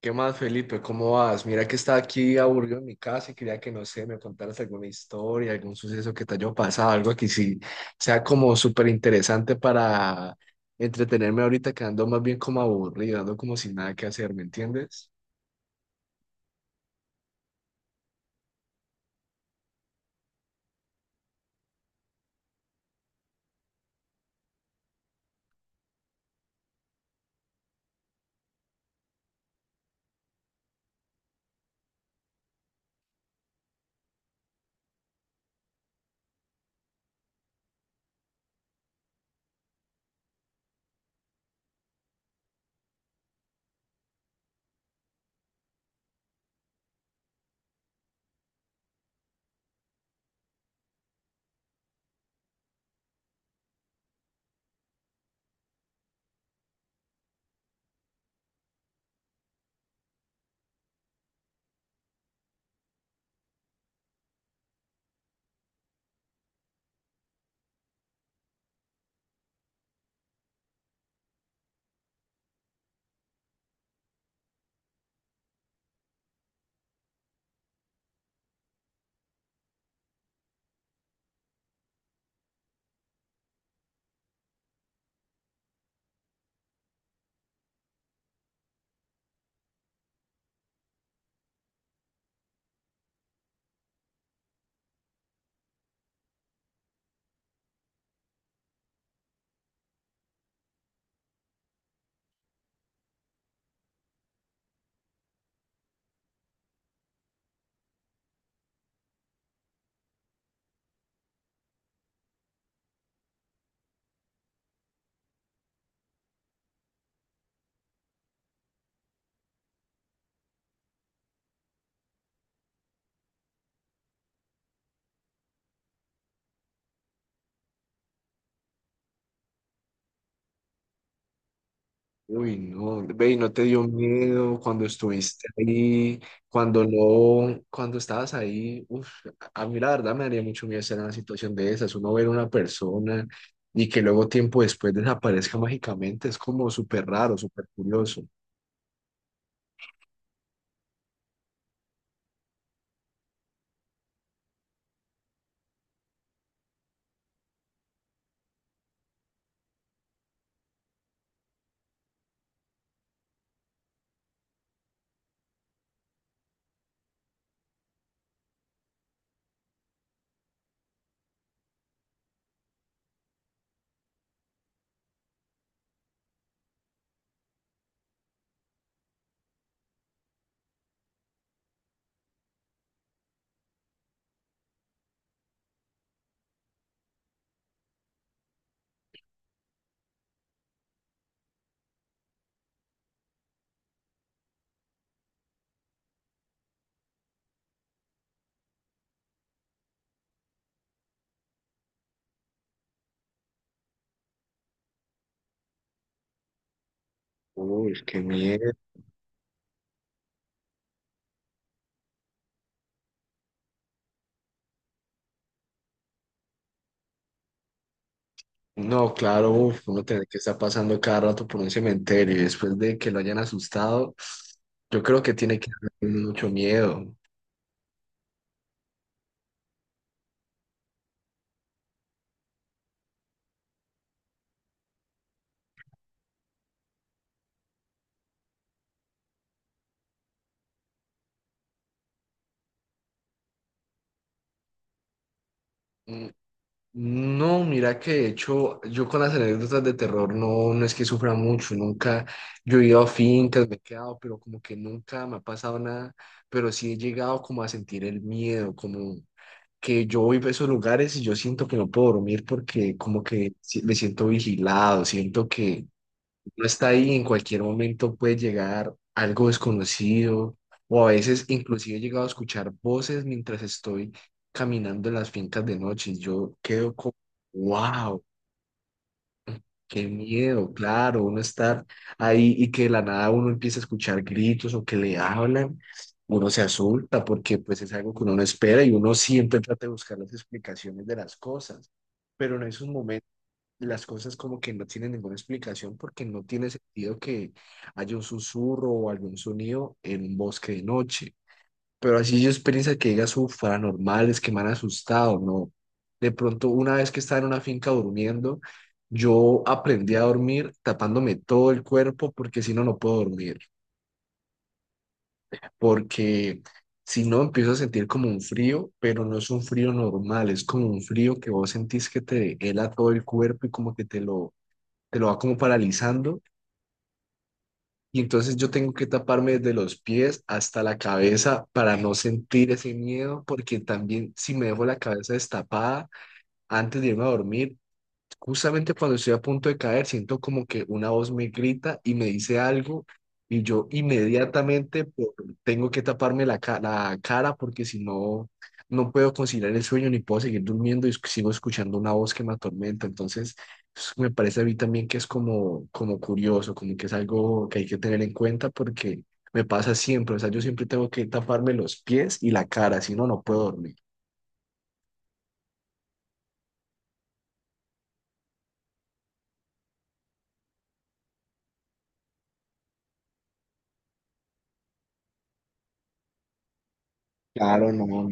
¿Qué más, Felipe? ¿Cómo vas? Mira que estaba aquí aburrido en mi casa y quería que, no sé, me contaras alguna historia, algún suceso que te haya pasado, algo que sí sea como súper interesante para entretenerme ahorita, que ando más bien como aburrido, ando como sin nada que hacer, ¿me entiendes? Uy, no, ve, ¿y no te dio miedo cuando estuviste ahí, cuando no, cuando estabas ahí, uf, a mí la verdad me daría mucho miedo estar en una situación de esas, uno ver a una persona y que luego tiempo después desaparezca mágicamente, es como súper raro, súper curioso. Uy, qué miedo. No, claro, uf, uno tiene que estar pasando cada rato por un cementerio y después de que lo hayan asustado, yo creo que tiene que haber mucho miedo. No, mira que de hecho yo con las anécdotas de terror no, no es que sufra mucho, nunca yo he ido a fincas, me he quedado, pero como que nunca me ha pasado nada, pero sí he llegado como a sentir el miedo, como que yo voy a esos lugares y yo siento que no puedo dormir porque como que me siento vigilado, siento que no está ahí, en cualquier momento puede llegar algo desconocido o a veces inclusive he llegado a escuchar voces mientras estoy caminando en las fincas de noche y yo quedo como, wow, qué miedo, claro, uno estar ahí y que de la nada uno empieza a escuchar gritos o que le hablan. Uno se asusta porque pues es algo que uno no espera y uno siempre trata de buscar las explicaciones de las cosas, pero en esos momentos las cosas como que no tienen ninguna explicación porque no tiene sentido que haya un susurro o algún sonido en un bosque de noche. Pero así yo experiencia que digas, uff, paranormales, que me han asustado, ¿no? De pronto, una vez que estaba en una finca durmiendo, yo aprendí a dormir tapándome todo el cuerpo porque si no, no puedo dormir. Porque si no, empiezo a sentir como un frío, pero no es un frío normal, es como un frío que vos sentís que te hela todo el cuerpo y como que te lo va como paralizando y entonces yo tengo que taparme desde los pies hasta la cabeza para no sentir ese miedo, porque también si me dejo la cabeza destapada antes de irme a dormir, justamente cuando estoy a punto de caer, siento como que una voz me grita y me dice algo y yo inmediatamente tengo que taparme la, la cara porque si no, no puedo conciliar el sueño ni puedo seguir durmiendo y sigo escuchando una voz que me atormenta. Entonces, me parece a mí también que es como, como curioso, como que es algo que hay que tener en cuenta porque me pasa siempre, o sea, yo siempre tengo que taparme los pies y la cara, si no, no puedo dormir. Claro, no. No.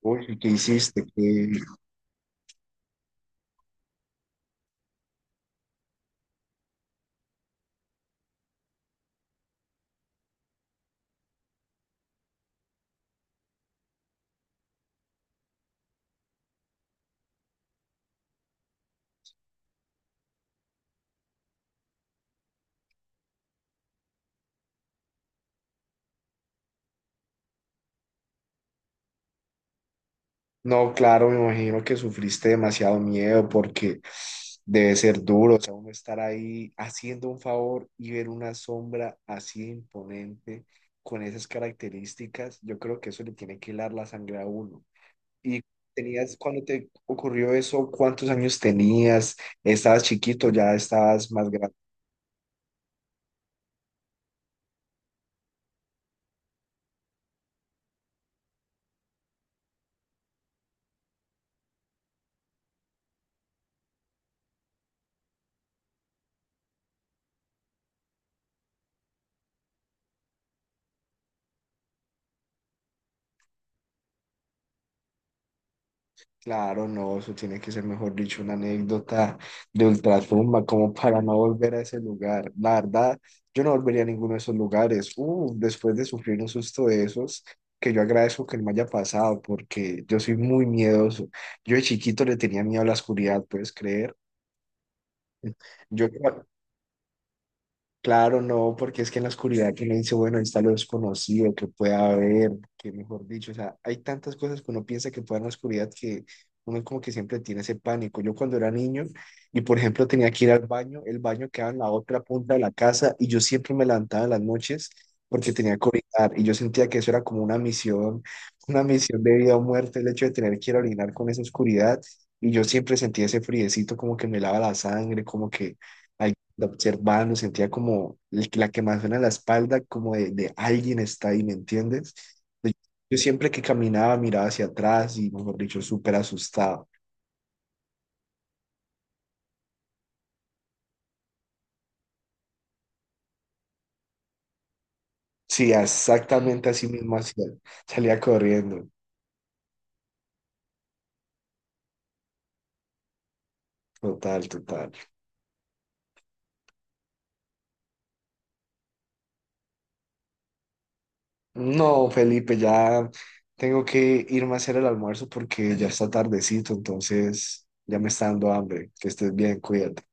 Uy, ¿qué hiciste? Qué. No, claro, me imagino que sufriste demasiado miedo porque debe ser duro, o sea, uno estar ahí haciendo un favor y ver una sombra así de imponente con esas características, yo creo que eso le tiene que helar la sangre a uno. ¿Y tenías, cuando te ocurrió eso, cuántos años tenías? ¿Estabas chiquito, ya estabas más grande? Claro, no, eso tiene que ser, mejor dicho, una anécdota de ultratumba, como para no volver a ese lugar. La verdad, yo no volvería a ninguno de esos lugares. Después de sufrir un susto de esos, que yo agradezco que no me haya pasado, porque yo soy muy miedoso. Yo de chiquito le tenía miedo a la oscuridad, ¿puedes creer? Yo, claro, no, porque es que en la oscuridad que uno dice, bueno, ahí está lo desconocido, que pueda haber, que mejor dicho, o sea, hay tantas cosas que uno piensa que puede en la oscuridad que uno como que siempre tiene ese pánico. Yo cuando era niño y por ejemplo tenía que ir al baño, el baño quedaba en la otra punta de la casa y yo siempre me levantaba en las noches porque tenía que orinar y yo sentía que eso era como una misión, una misión de vida o muerte, el hecho de tener que ir a orinar con esa oscuridad y yo siempre sentía ese friecito como que me lava la sangre, como que la observando, sentía como la quemazón en la espalda, como de alguien está ahí, ¿me entiendes? Yo yo siempre que caminaba miraba hacia atrás y, mejor dicho, súper asustado. Sí, exactamente así mismo hacía, salía corriendo. Total, total. No, Felipe, ya tengo que irme a hacer el almuerzo porque ya está tardecito, entonces ya me está dando hambre. Que estés bien, cuídate.